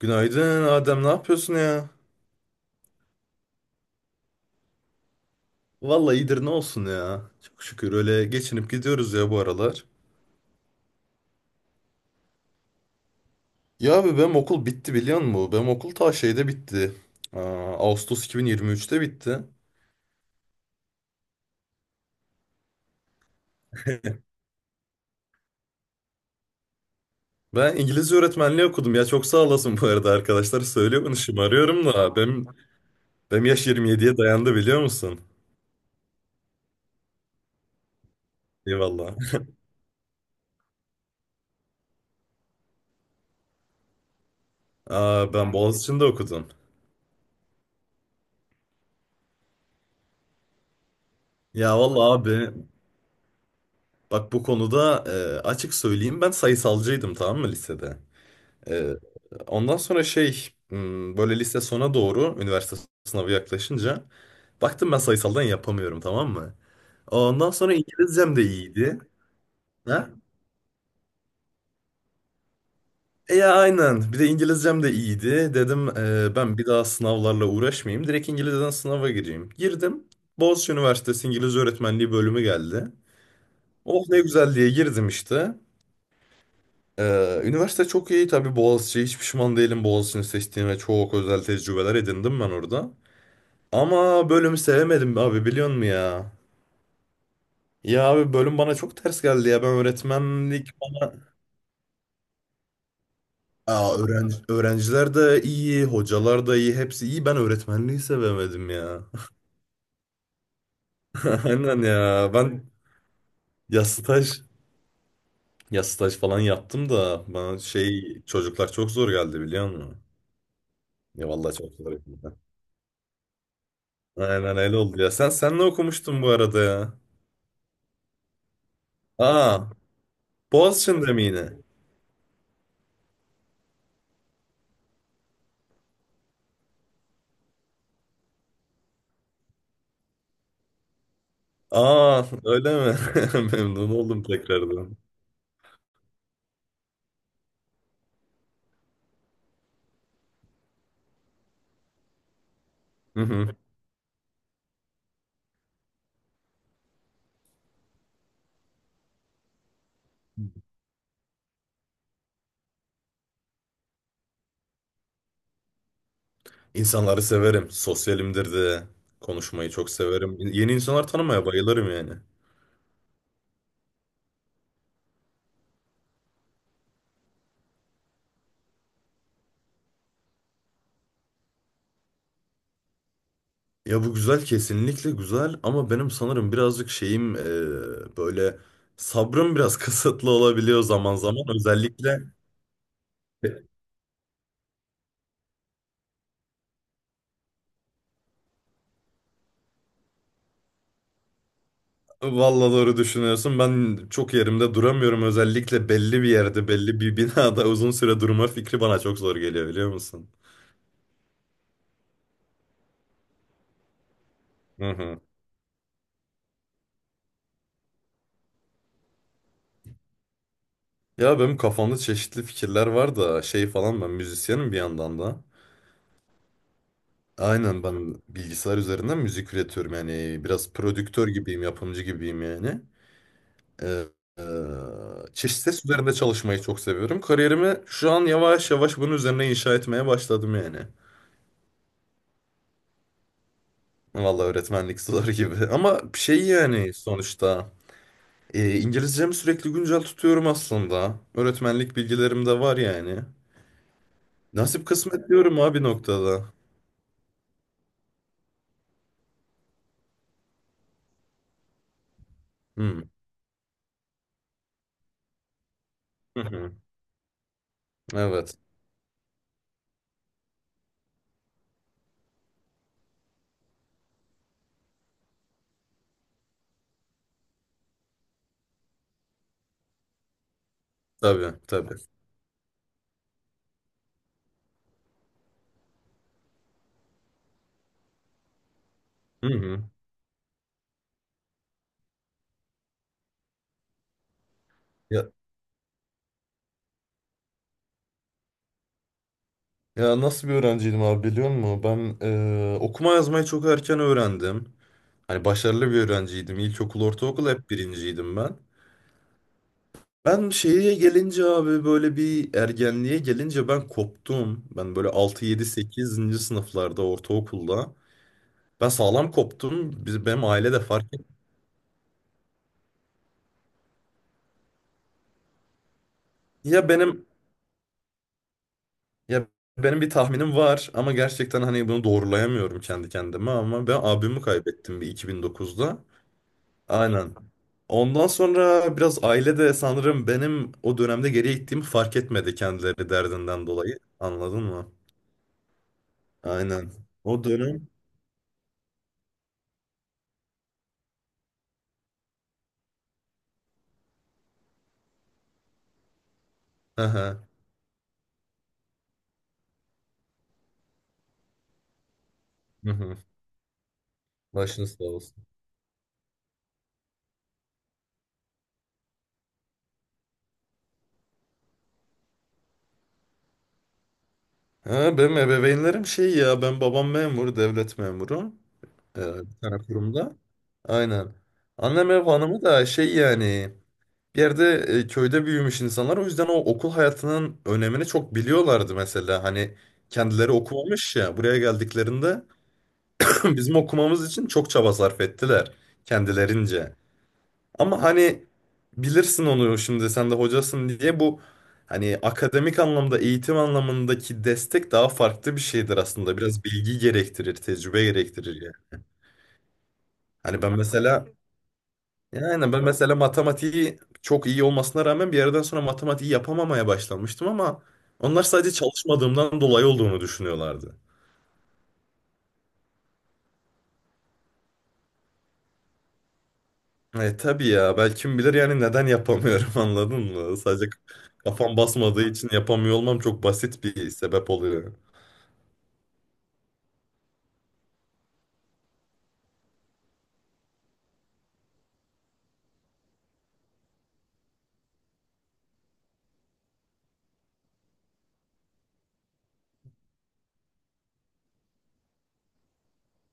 Günaydın Adem, ne yapıyorsun ya? Vallahi iyidir ne olsun ya. Çok şükür öyle geçinip gidiyoruz ya bu aralar. Ya abi benim okul bitti biliyor musun? Benim okul ta şeyde bitti. Aa, Ağustos 2023'te bitti. Ben İngilizce öğretmenliği okudum ya çok sağ olasın bu arada arkadaşlar. Söylüyor bunu şımarıyorum da benim yaş 27'ye dayandı biliyor musun? Eyvallah. Aa, ben Boğaziçi'nde okudum. Ya vallahi abi bak bu konuda açık söyleyeyim ben sayısalcıydım tamam mı lisede? Ee, Ondan sonra şey hmm, böyle lise sona doğru üniversite sınavı yaklaşınca baktım ben sayısaldan yapamıyorum tamam mı? Ondan sonra İngilizcem de iyiydi. Ha? E ya aynen bir de İngilizcem de iyiydi. Dedim ben bir daha sınavlarla uğraşmayayım. Direkt İngilizceden sınava gireyim. Girdim. Boğaziçi Üniversitesi İngilizce Öğretmenliği bölümü geldi. Oh ne güzel diye girdim işte. Üniversite çok iyi tabii Boğaziçi. Hiç pişman değilim Boğaziçi'ni seçtiğime. Çok özel tecrübeler edindim ben orada. Ama bölümü sevemedim abi biliyor musun ya? Ya abi bölüm bana çok ters geldi ya. Ben öğretmenlik... Aa, öğrenci, öğrenciler de iyi, hocalar da iyi, hepsi iyi. Ben öğretmenliği sevemedim ya. Aynen ya. Ben ya staj, ya staj falan yaptım da bana şey çocuklar çok zor geldi biliyor musun? Ya vallahi çok zor geldi. Aynen öyle oldu ya. Sen ne okumuştun bu arada ya? Aa, Boğaziçi'nde mi yine? Aa, öyle mi? Memnun oldum tekrardan. Hı hı. İnsanları severim. Sosyalimdir de. Konuşmayı çok severim. Yeni insanlar tanımaya bayılırım yani. Ya bu güzel kesinlikle güzel ama benim sanırım birazcık şeyim böyle sabrım biraz kısıtlı olabiliyor zaman zaman. Özellikle e, vallahi doğru düşünüyorsun. Ben çok yerimde duramıyorum. Özellikle belli bir yerde, belli bir binada uzun süre durma fikri bana çok zor geliyor biliyor musun? Hı hı. Ya benim kafamda çeşitli fikirler var da şey falan ben müzisyenim bir yandan da. Aynen ben bilgisayar üzerinden müzik üretiyorum yani biraz prodüktör gibiyim, yapımcı gibiyim yani. Ee, e, Çeşitli ses üzerinde çalışmayı çok seviyorum. Kariyerimi şu an yavaş yavaş bunun üzerine inşa etmeye başladım yani. Vallahi öğretmenlik zor gibi ama şey yani sonuçta İngilizcemi sürekli güncel tutuyorum aslında. Öğretmenlik bilgilerim de var yani. Nasip kısmet diyorum abi noktada. Hı. Hı hı. Evet tabii tabii. Hı hı. Ya- Ya nasıl bir öğrenciydim abi biliyor musun? Ben okuma yazmayı çok erken öğrendim. Hani başarılı bir öğrenciydim. İlkokul, ortaokul hep birinciydim ben. Ben şeye gelince abi böyle bir ergenliğe gelince ben koptum. Ben böyle 6 7 sekizinci sınıflarda ortaokulda. Ben sağlam koptum. Biz, benim aile de fark etti. Ya benim ya benim bir tahminim var ama gerçekten hani bunu doğrulayamıyorum kendi kendime ama ben abimi kaybettim bir 2009'da. Aynen. Ondan sonra biraz aile de sanırım benim o dönemde geriye gittiğimi fark etmedi kendileri derdinden dolayı. Anladın mı? Aynen. O dönem. Aha. Hı hı. Başınız sağ olsun. Ha, benim ebeveynlerim şey ya ben babam memur, devlet memuru. Ee, Bir tane kurumda. Aynen. Annem ev hanımı da şey yani bir yerde köyde büyümüş insanlar. O yüzden o okul hayatının önemini çok biliyorlardı mesela. Hani kendileri okumamış ya buraya geldiklerinde. Bizim okumamız için çok çaba sarf ettiler kendilerince. Ama hani bilirsin onu şimdi sen de hocasın diye bu hani akademik anlamda eğitim anlamındaki destek daha farklı bir şeydir aslında. Biraz bilgi gerektirir, tecrübe gerektirir yani. Hani ben mesela Ben mesela matematiği çok iyi olmasına rağmen bir yerden sonra matematiği yapamamaya başlamıştım ama onlar sadece çalışmadığımdan dolayı olduğunu düşünüyorlardı. E tabii ya belki kim bilir yani neden yapamıyorum anladın mı? Sadece kafam basmadığı için yapamıyor olmam çok basit bir sebep oluyor.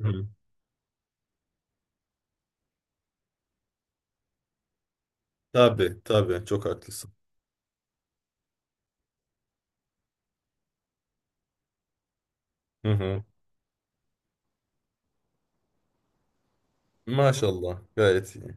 Hı. Tabii tabii çok haklısın. Hı hı. Maşallah gayet iyi.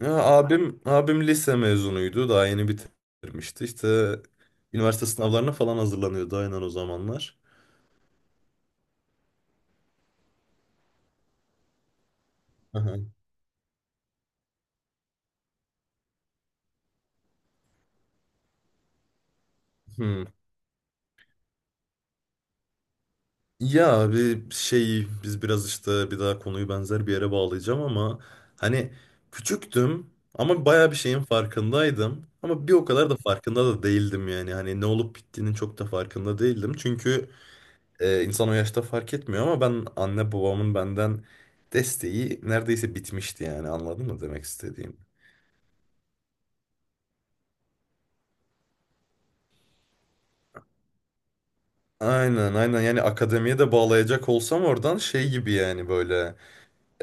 Ya, abim lise mezunuydu daha yeni bitirmişti işte üniversite sınavlarına falan hazırlanıyordu aynen o zamanlar. Hı hı. Hı. Ya abi şey biz biraz işte bir daha konuyu benzer bir yere bağlayacağım ama hani küçüktüm ama baya bir şeyin farkındaydım ama bir o kadar da farkında da değildim yani hani ne olup bittiğinin çok da farkında değildim çünkü insan o yaşta fark etmiyor ama ben anne babamın benden desteği neredeyse bitmişti yani anladın mı demek istediğim? Aynen yani akademiye de bağlayacak olsam oradan şey gibi yani böyle.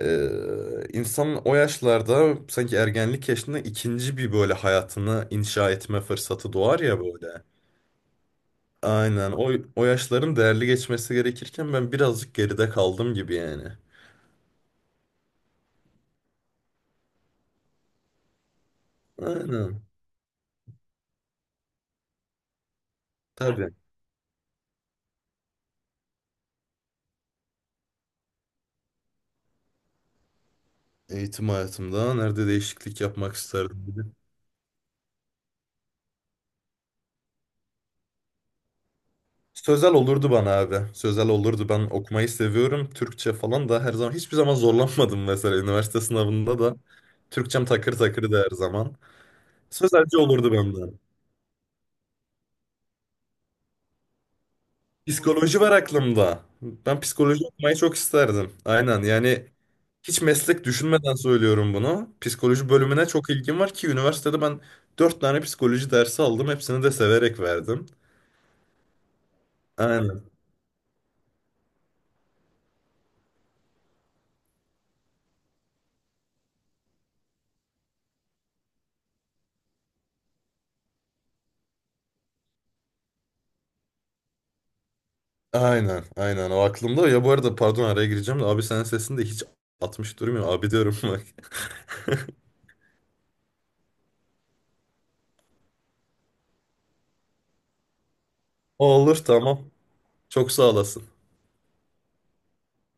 İnsanın o yaşlarda sanki ergenlik yaşında ikinci bir böyle hayatını inşa etme fırsatı doğar ya böyle. Aynen o yaşların değerli geçmesi gerekirken ben birazcık geride kaldım gibi yani. Aynen tabii. Eğitim hayatımda nerede değişiklik yapmak isterdim dedi. Sözel olurdu bana abi. Sözel olurdu. Ben okumayı seviyorum. Türkçe falan da her zaman hiçbir zaman zorlanmadım mesela üniversite sınavında da. Türkçem takır takırdı her zaman. Sözelci olurdu benden. Psikoloji var aklımda. Ben psikoloji okumayı çok isterdim. Aynen yani hiç meslek düşünmeden söylüyorum bunu. Psikoloji bölümüne çok ilgim var ki üniversitede ben dört tane psikoloji dersi aldım. Hepsini de severek verdim. Aynen. Aynen. Aynen o aklımda. Ya bu arada pardon araya gireceğim de abi senin sesini de hiç atmış durmuyor. Abi diyorum bak. Olur tamam. Çok sağ olasın.